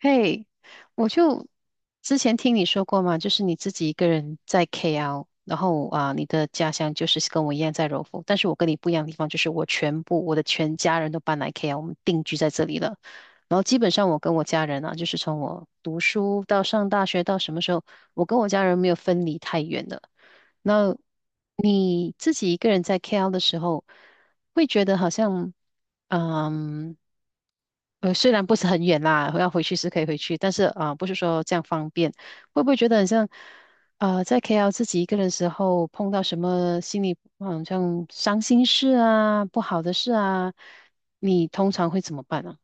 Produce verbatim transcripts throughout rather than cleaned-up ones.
嘿，我就之前听你说过嘛，就是你自己一个人在 K L，然后啊，你的家乡就是跟我一样在柔佛，但是我跟你不一样的地方就是我全部我的全家人都搬来 K L，我们定居在这里了。然后基本上我跟我家人啊，就是从我读书到上大学到什么时候，我跟我家人没有分离太远的。那你自己一个人在 K L 的时候，会觉得好像，嗯。呃，虽然不是很远啦，要回去是可以回去，但是啊、呃不是说这样方便。会不会觉得很像，呃，在 K L 自己一个人的时候，碰到什么心里好像伤心事啊、不好的事啊，你通常会怎么办呢？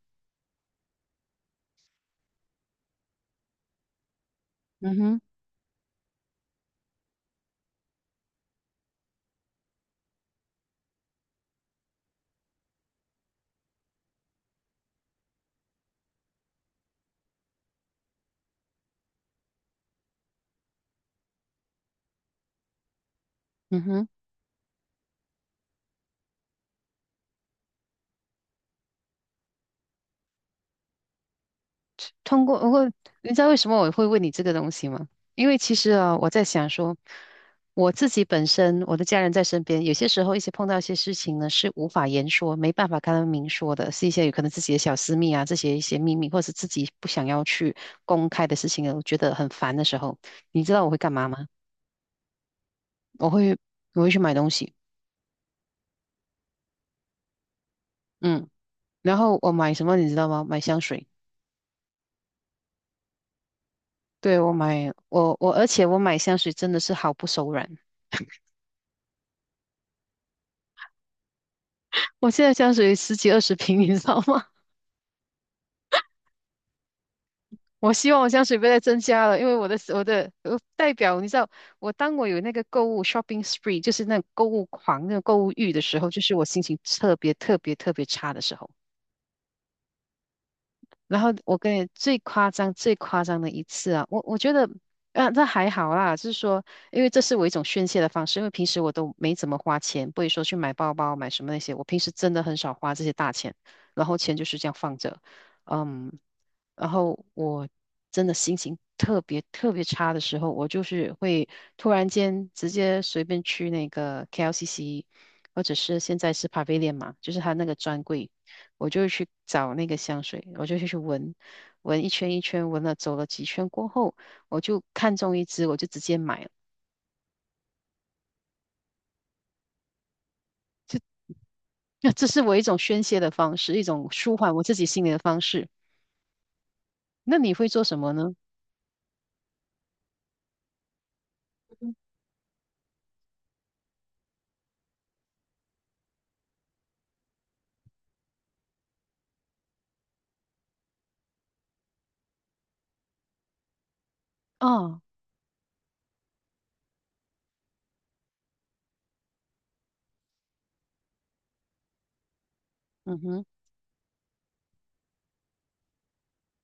嗯哼。嗯哼。通过，我，过你知道为什么我会问你这个东西吗？因为其实啊，我在想说，我自己本身，我的家人在身边，有些时候一些碰到一些事情呢，是无法言说，没办法跟他们明说的，是一些有可能自己的小私密啊，这些一些秘密，或者是自己不想要去公开的事情啊，我觉得很烦的时候，你知道我会干嘛吗？我会，我会去买东西，嗯，然后我买什么你知道吗？买香水，对，我买，我我，而且我买香水真的是毫不手软。我现在香水十几二十瓶，你知道吗？我希望我香水不要再增加了，因为我的我的呃代表，你知道，我当我有那个购物 shopping spree,就是那种购物狂、那种购物欲的时候，就是我心情特别特别特别差的时候。然后我跟你最夸张、最夸张的一次啊，我我觉得，啊，这还好啦，就是说，因为这是我一种宣泄的方式，因为平时我都没怎么花钱，不会说去买包包、买什么那些，我平时真的很少花这些大钱，然后钱就是这样放着，嗯，然后我真的心情特别特别差的时候，我就是会突然间直接随便去那个 K L C C，或者是现在是 Pavilion 嘛，就是他那个专柜。我就去找那个香水，我就去闻，闻一圈一圈，闻了走了几圈过后，我就看中一支，我就直接买了。那这是我一种宣泄的方式，一种舒缓我自己心里的方式。那你会做什么呢？啊，嗯哼，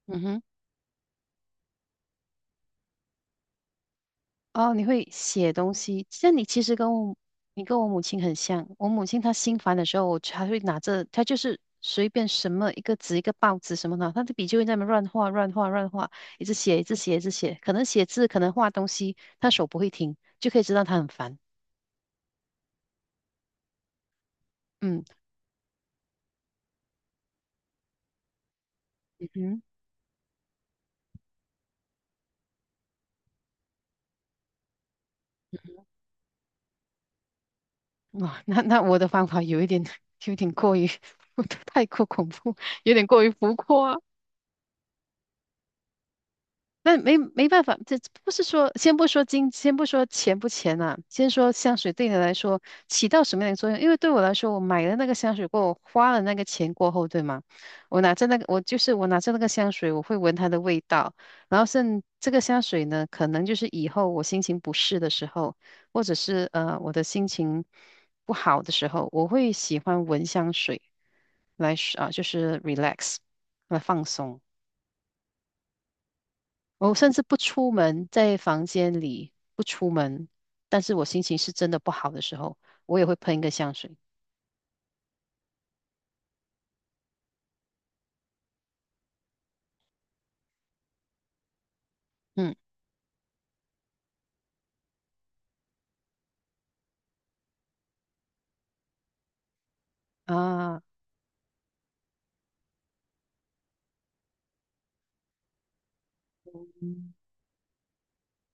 嗯哼。哦，你会写东西，像你其实跟我，你跟我母亲很像。我母亲她心烦的时候，我还会拿着，她就是随便什么一个纸、一个报纸什么的，她的笔就会在那边乱画、乱画、乱画，一直写、一直写、一直写。可能写字，可能画东西，她手不会停，就可以知道她很烦。嗯。嗯哇，那那我的方法有一点，有一点过于，太过恐怖，有点过于浮夸。那没没办法，这不是说，先不说金，先不说钱不钱呐，先说香水对你来说起到什么样的作用？因为对我来说，我买了那个香水过后，我花了那个钱过后，对吗？我拿着那个，我就是我拿着那个香水，我会闻它的味道，然后甚这个香水呢，可能就是以后我心情不适的时候，或者是呃我的心情不好的时候，我会喜欢闻香水来啊，就是 relax 来放松。我甚至不出门，在房间里不出门，但是我心情是真的不好的时候，我也会喷一个香水。嗯啊。嗯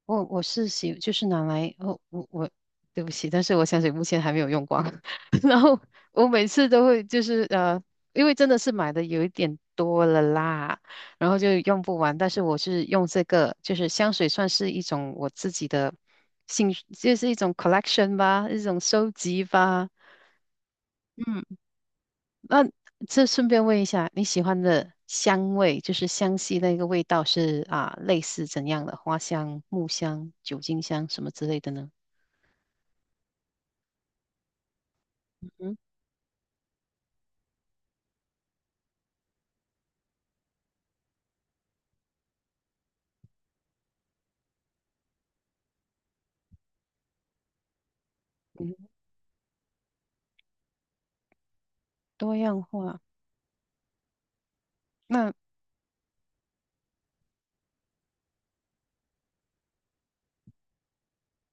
我我是喜就是拿来哦，我我对不起，但是我香水目前还没有用光。然后我每次都会就是呃，因为真的是买的有一点多了啦，然后就用不完。但是我是用这个，就是香水算是一种我自己的兴趣就是一种 collection 吧，一种收集吧。嗯。那这顺便问一下，你喜欢的香味，就是香系那个味道是啊，类似怎样的？花香、木香、酒精香什么之类的呢？嗯嗯，多样化。那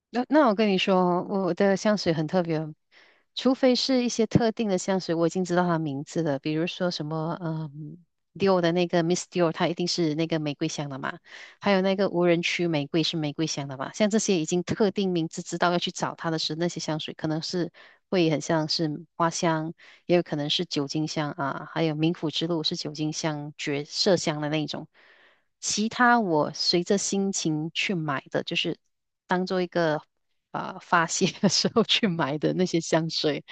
那那我跟你说哦我的香水很特别哦除非是一些特定的香水，我已经知道它名字了，比如说什么嗯，Dior 的那个 Miss Dior，它一定是那个玫瑰香的嘛，还有那个无人区玫瑰是玫瑰香的嘛，像这些已经特定名字知道要去找它的是那些香水，可能是会很像是花香，也有可能是酒精香啊，还有冥府之路是酒精香、绝色香的那一种。其他我随着心情去买的，就是当做一个啊、呃发泄的时候去买的那些香水，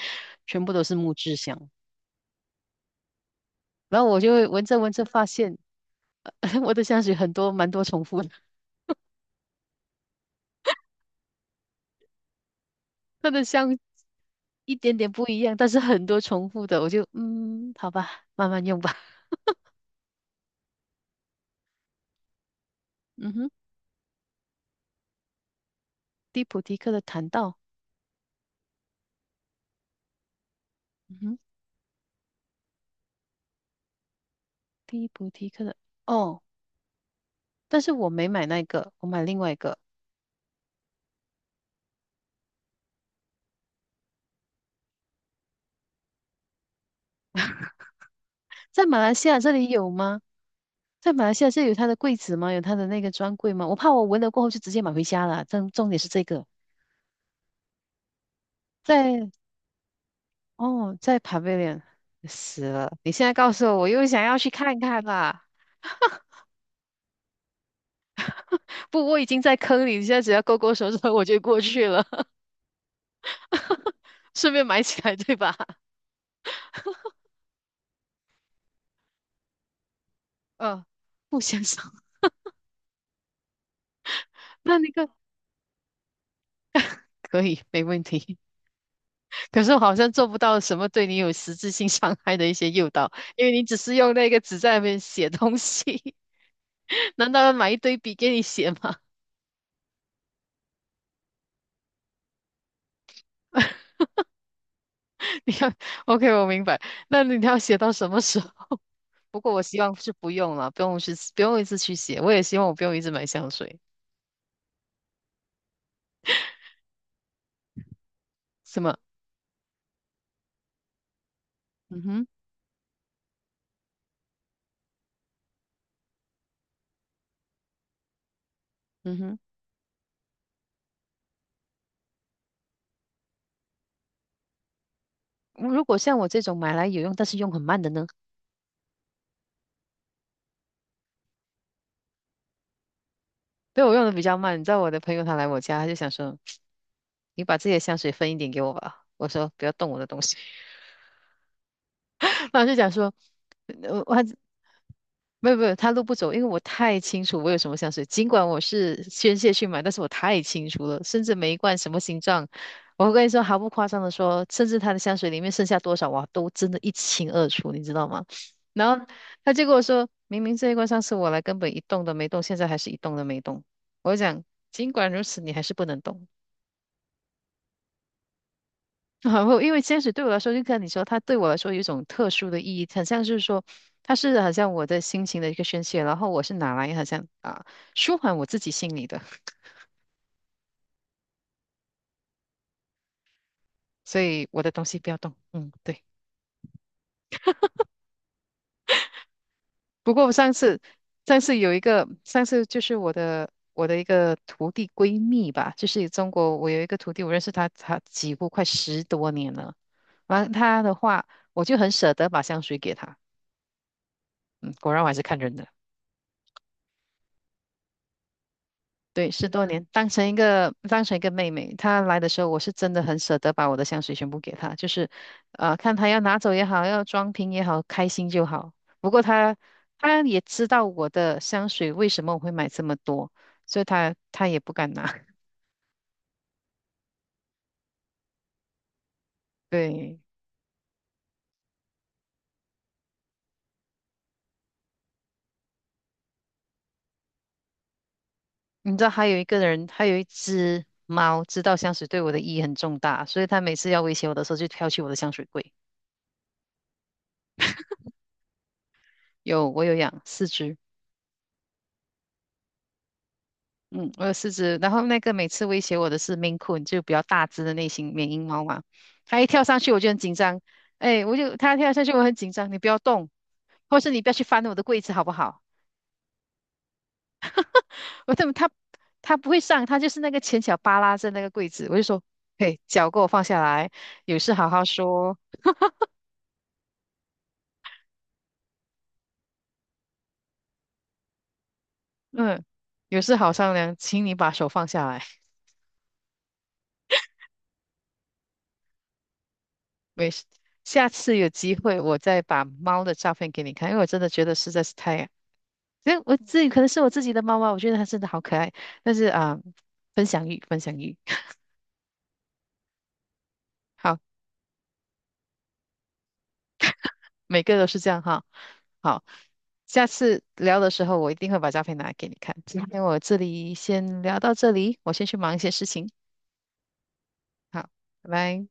全部都是木质香。然后我就会闻着闻着发现，我的香水很多蛮多重复的，它的香一点点不一样，但是很多重复的，我就嗯，好吧，慢慢用吧。嗯哼，蒂普提克的檀道，嗯哼，蒂普提克的哦，但是我没买那个，我买另外一个，在马来西亚这里有吗？在马来西亚这有他的柜子吗？有他的那个专柜吗？我怕我闻了过后就直接买回家了。重重点是这个，在哦，在 Pavilion 死了。你现在告诉我，我又想要去看看啦。不，我已经在坑里，你现在只要勾勾手指头我就过去了，顺便买起来，对吧？嗯。不相上，那那个可以没问题。可是我好像做不到什么对你有实质性伤害的一些诱导，因为你只是用那个纸在那边写东西，难道要买一堆笔给你写吗？你看 OK，我明白。那你要写到什么时候？不过我希望是不用了，不用去，不用一直去写。我也希望我不用一直买香水，什么？嗯哼。嗯哼。如果像我这种买来有用，但是用很慢的呢？对，我用的比较慢。你知道我的朋友他来我家，他就想说：“你把自己的香水分一点给我吧。”我说：“不要动我的东西。然后就讲说：“呃我没有没有，他路不走，因为我太清楚我有什么香水。尽管我是宣泄去买，但是我太清楚了，甚至每一罐什么形状，我跟你说毫不夸张的说，甚至他的香水里面剩下多少，哇，都真的一清二楚，你知道吗？然后他就跟我说，明明这一罐上次我来根本一动都没动，现在还是一动都没动。我就讲，尽管如此，你还是不能动。然后，因为坚持对我来说，就像你说，它对我来说有一种特殊的意义，很像是说，它是好像我的心情的一个宣泄，然后我是拿来好像啊舒缓我自己心里的，所以我的东西不要动。嗯，对。不过我上次，上次有一个，上次就是我的我的一个徒弟闺蜜吧，就是中国，我有一个徒弟，我认识她，她几乎快十多年了。完了她的话，我就很舍得把香水给她。嗯，果然我还是看人的。对，十多年，当成一个当成一个妹妹，她来的时候，我是真的很舍得把我的香水全部给她，就是，呃，看她要拿走也好，要装瓶也好，开心就好。不过她她也知道我的香水为什么我会买这么多，所以她她也不敢拿。对，你知道还有一个人，还有一只猫，知道香水对我的意义很重大，所以它每次要威胁我的时候，就挑起我的香水柜。有，我有养四只。嗯，我有四只，然后那个每次威胁我的是 Maine Coon，就比较大只的那型缅因猫嘛。它一跳上去我就很紧张，哎，我就它跳上去我很紧张，你不要动，或是你不要去翻我的柜子好不好？我怎么它它不会上，它就是那个前脚扒拉着那个柜子，我就说，嘿，脚给我放下来，有事好好说，嗯，有事好商量，请你把手放下来，没事，下次有机会我再把猫的照片给你看，因为我真的觉得实在是太，所以我自己可能是我自己的猫猫，我觉得它真的好可爱。但是啊、分享欲，分享欲，好，每个都是这样哈。好，下次聊的时候我一定会把照片拿给你看。今天我这里先聊到这里，我先去忙一些事情。好，拜拜。